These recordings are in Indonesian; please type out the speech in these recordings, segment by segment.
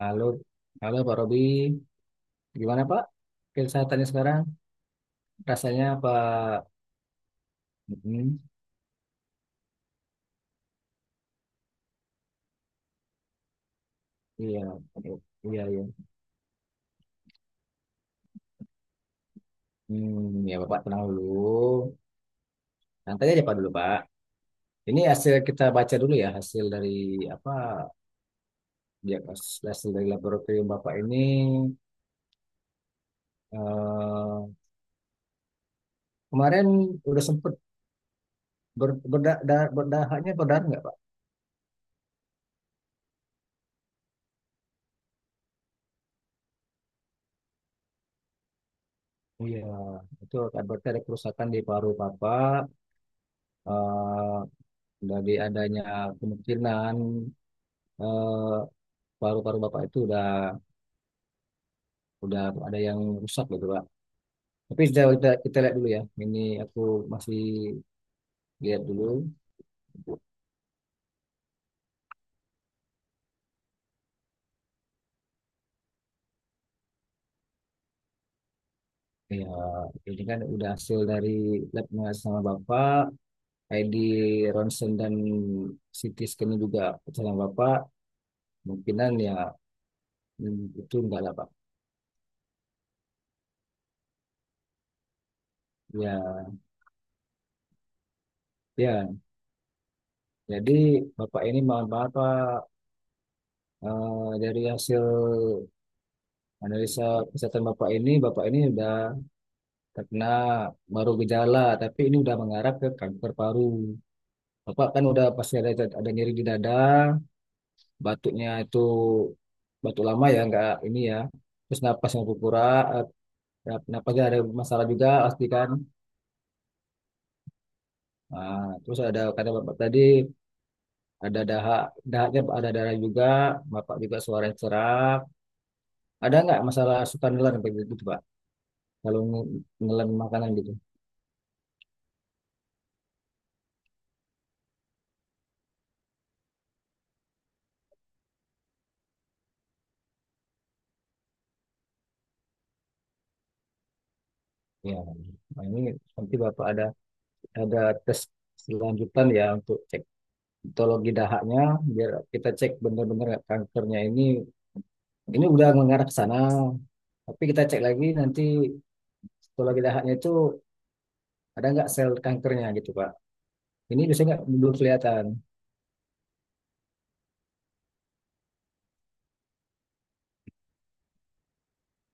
Halo, halo Pak Robi. Gimana Pak? Kesehatannya sekarang? Rasanya Pak? Mm-mm. Iya, iya, iya. Iya. Ya Bapak tenang dulu. Santai aja Pak dulu Pak. Ini hasil kita baca dulu ya hasil dari apa? Ya, hasil hasil dari laboratorium Bapak ini eh, kemarin udah sempet berdahaknya berdarah nggak Pak? Iya, itu akan berarti ada kerusakan di paru Bapak. eh dari adanya kemungkinan eh, paru-paru bapak itu udah ada yang rusak gitu pak. Tapi sudah kita lihat dulu ya. Ini aku masih lihat dulu. Ya, ini kan udah hasil dari labnya sama bapak, ID ronsen dan CT scan juga sama bapak. Mungkinan ya, hmm, itu enggak lah pak. Ya ya. Jadi bapak ini mohon maaf pak. Dari hasil analisa kesehatan bapak ini udah terkena baru gejala, tapi ini udah mengarah ke kanker paru. Bapak kan udah pasti ada nyeri di dada, batuknya itu batuk lama ya, nggak ini ya. Terus napasnya berkurang, napasnya ada masalah juga pasti kan. Nah, terus ada kata bapak tadi ada dahak, dahaknya ada darah juga, bapak juga suara serak. Ada nggak masalah suka nelan kayak gitu, tuh, Pak? Kalau nelan makanan gitu. Ya, nah ini nanti bapak ada tes selanjutan ya untuk cek histologi dahaknya biar kita cek benar-benar kankernya ini udah mengarah ke sana, tapi kita cek lagi nanti histologi dahaknya itu ada nggak sel kankernya gitu Pak. Ini biasanya nggak belum kelihatan.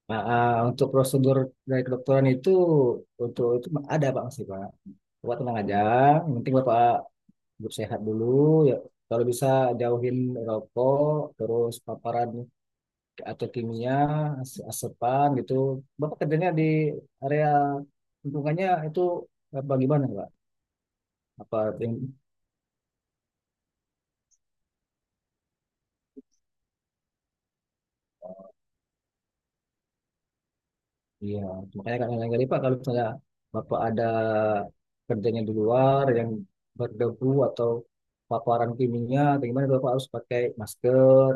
Nah, untuk prosedur dari kedokteran itu untuk itu ada Pak masih Pak. Bapak tenang aja, yang penting Bapak hidup sehat dulu ya, kalau bisa jauhin rokok, terus paparan atau kimia, asepan gitu. Bapak kerjanya di area lingkungannya itu apa gimana, Pak? Apa yang iya, makanya kan yang tadi Pak kalau misalnya Bapak ada kerjanya di luar yang berdebu atau paparan kimia atau gimana Bapak harus pakai masker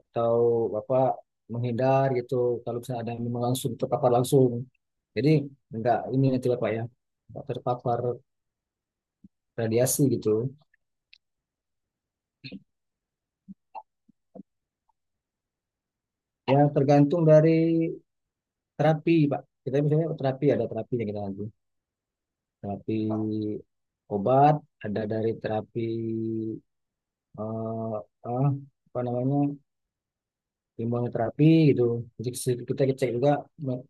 atau Bapak menghindar gitu kalau misalnya ada yang memang langsung terpapar langsung. Jadi enggak ini nanti Bapak ya, enggak terpapar radiasi gitu. Ya tergantung dari terapi pak, kita misalnya terapi ada terapi yang kita lanjut, terapi obat, ada dari terapi eh eh, apa namanya imunoterapi gitu, jadi kita cek juga me-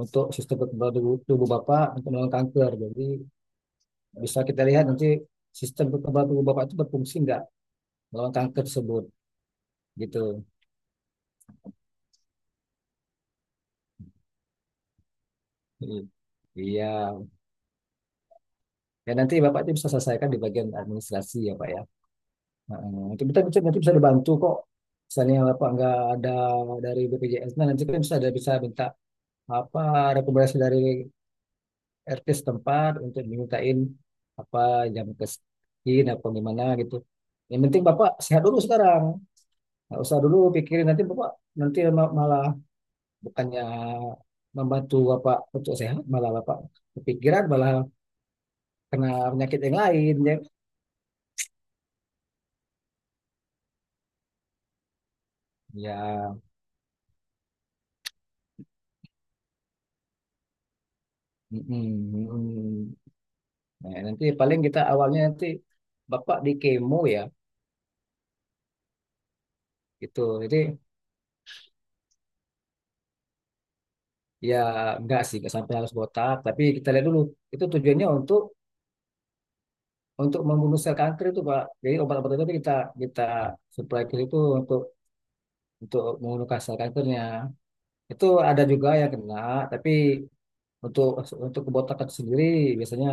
untuk sistem kekebalan tubuh, tubuh bapak untuk melawan kanker, jadi bisa kita lihat nanti sistem kekebalan tubuh bapak itu berfungsi nggak melawan kanker tersebut gitu. I- iya, dan nanti bapak itu bisa selesaikan di bagian administrasi ya pak ya. Nah, itu kita bisa nanti bisa dibantu kok. Misalnya apa nggak ada dari BPJS, nah nanti kan bisa ada bisa minta apa rekomendasi dari RT setempat untuk dimintain apa jam ke sekian apa gimana gitu. Yang penting Bapak sehat dulu sekarang. Nggak usah dulu pikirin nanti Bapak nanti malah bukannya membantu Bapak untuk sehat malah Bapak kepikiran malah kena penyakit yang lain ya. Ya, mm, mm, mm. Nah, nanti paling kita awalnya nanti Bapak di kemo ya gitu. Jadi ya enggak sih enggak sampai harus botak, tapi kita lihat dulu itu tujuannya untuk membunuh sel kanker itu Pak. Jadi obat obat itu kita kita supply ke itu untuk membunuh sel kankernya. Itu ada juga yang kena, tapi untuk untuk kebotakan sendiri biasanya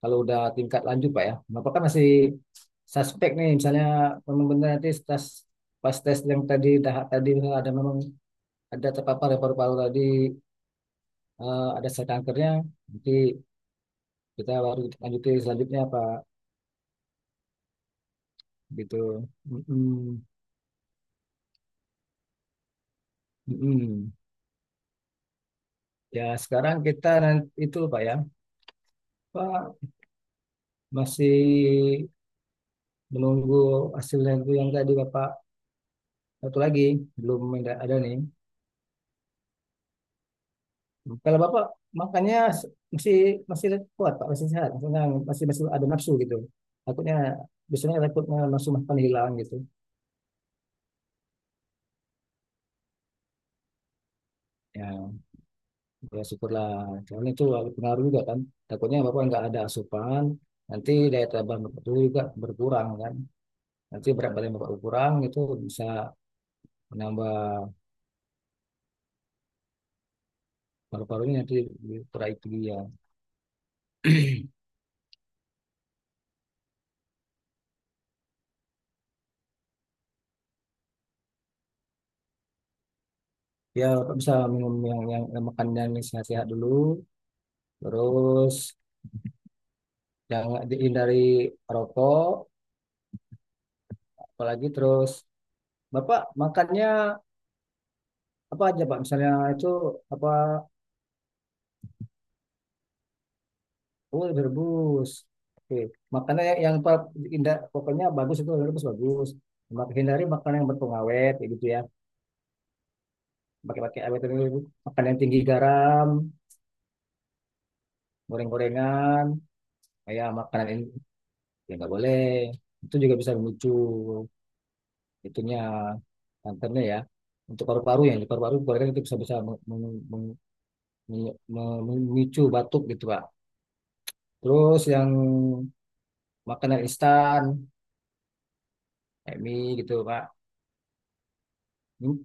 kalau udah tingkat lanjut Pak ya. Bapak kan masih suspek nih, misalnya memang benar nanti tes pas tes yang tadi dah, tadi ada memang ada terpapar ya paru-paru tadi ada sel kankernya, nanti kita baru lanjuti selanjutnya Pak gitu. Mm-mm. Mm-mm. Ya sekarang kita nanti itu Pak ya, Pak masih menunggu hasilnya itu yang tadi Bapak, satu lagi belum ada, ada nih kalau Bapak makannya masih masih kuat Pak, masih sehat maksudnya masih masih ada nafsu gitu, takutnya biasanya takutnya nafsu makan hilang gitu ya. Ya syukurlah. Soalnya itu pengaruh juga kan. Takutnya Bapak nggak ada asupan, nanti daya tahan Bapak tubuh juga berkurang kan. Nanti berat badan Bapak berkurang itu bisa menambah paru-parunya nanti kurang itu ya. Ya Bapak bisa minum yang makan yang sehat-sehat dulu, terus jangan dihindari rokok, apalagi terus Bapak makannya apa aja Pak? Misalnya itu apa. Oh, direbus. Oke. Makanan yang indah, pokoknya bagus itu direbus bagus. Hindari makanan yang berpengawet, kayak gitu ya. Pakai-pakai awet itu, makanan yang tinggi garam, goreng-gorengan, kayak makanan ini ya nggak boleh. Itu juga bisa memicu itunya kankernya ya. Untuk paru-paru yang di paru-paru gorengan itu bisa bisa meng- mem- memicu batuk gitu Pak. Terus yang makanan instan, kayak mie gitu Pak. Hmm,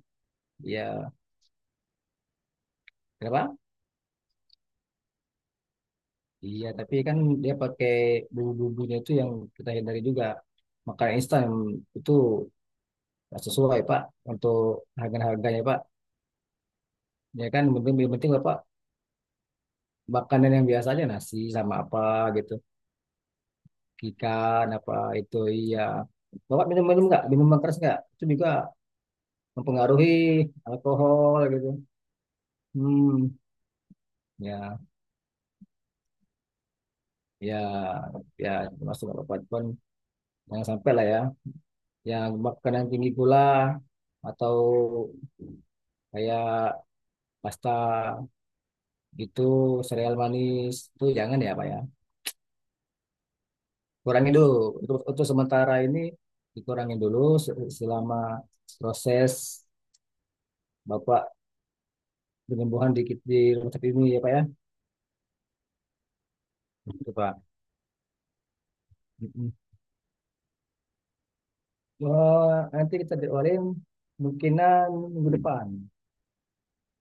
ya, kenapa? Iya, tapi kan dia pakai bumbu-bumbunya itu yang kita hindari juga. Makanan instan itu nggak sesuai, Pak, untuk harga-harganya, Pak. Ya kan, yang penting Pak, makanan yang biasa aja, nasi sama apa gitu. Ikan apa itu, iya. Bapak minum-minum nggak? Minum keras nggak? Itu juga mempengaruhi alkohol gitu. Hmm, ya, ya, ya, masuk apa pun. Jangan sampai lah ya. Yang makanan tinggi gula atau kayak pasta itu sereal manis itu jangan ya Pak ya, kurangi dulu untuk sementara ini dikurangin dulu selama proses Bapak penyembuhan di rumah sakit ini ya Pak ya gitu Pak. Mm-mm. Oh, nanti kita jadwalin mungkinan minggu depan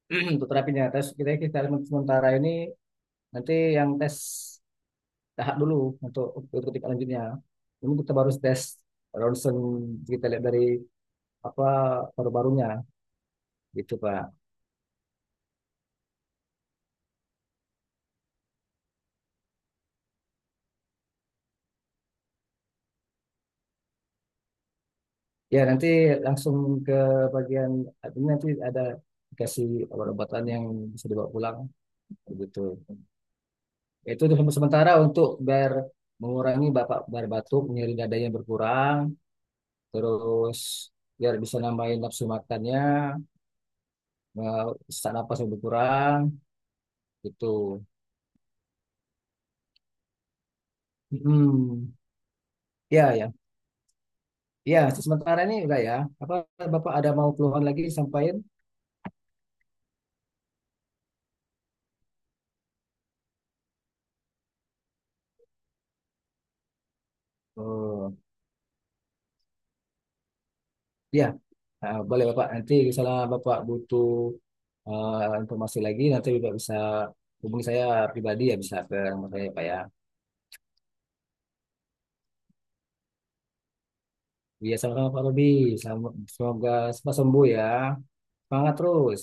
untuk terapinya tes kita kita sementara ini nanti yang tes tahap dulu untuk untuk tingkat lanjutnya ini kita baru tes ronsen kita lihat dari apa paru-parunya. Gitu, Pak. Ya, nanti langsung ke bagian admin, nanti ada dikasih obat-obatan yang bisa dibawa pulang begitu. Ya, itu untuk sementara untuk biar mengurangi bapak biar batuk, nyeri dada yang berkurang, terus biar bisa nambahin nafsu makannya, eh, sesak napas yang berkurang gitu. Hmm, ya ya. Ya, sementara ini enggak ya. Apa Bapak ada mau keluhan lagi sampaikan? Oh. Ya, boleh Bapak. Nanti misalnya Bapak butuh informasi lagi, nanti Bapak bisa hubungi saya pribadi ya, bisa ke nomor saya Pak ya. Iya, sama-sama Pak Robi. Sama- Semoga cepat sembuh ya. Semangat terus.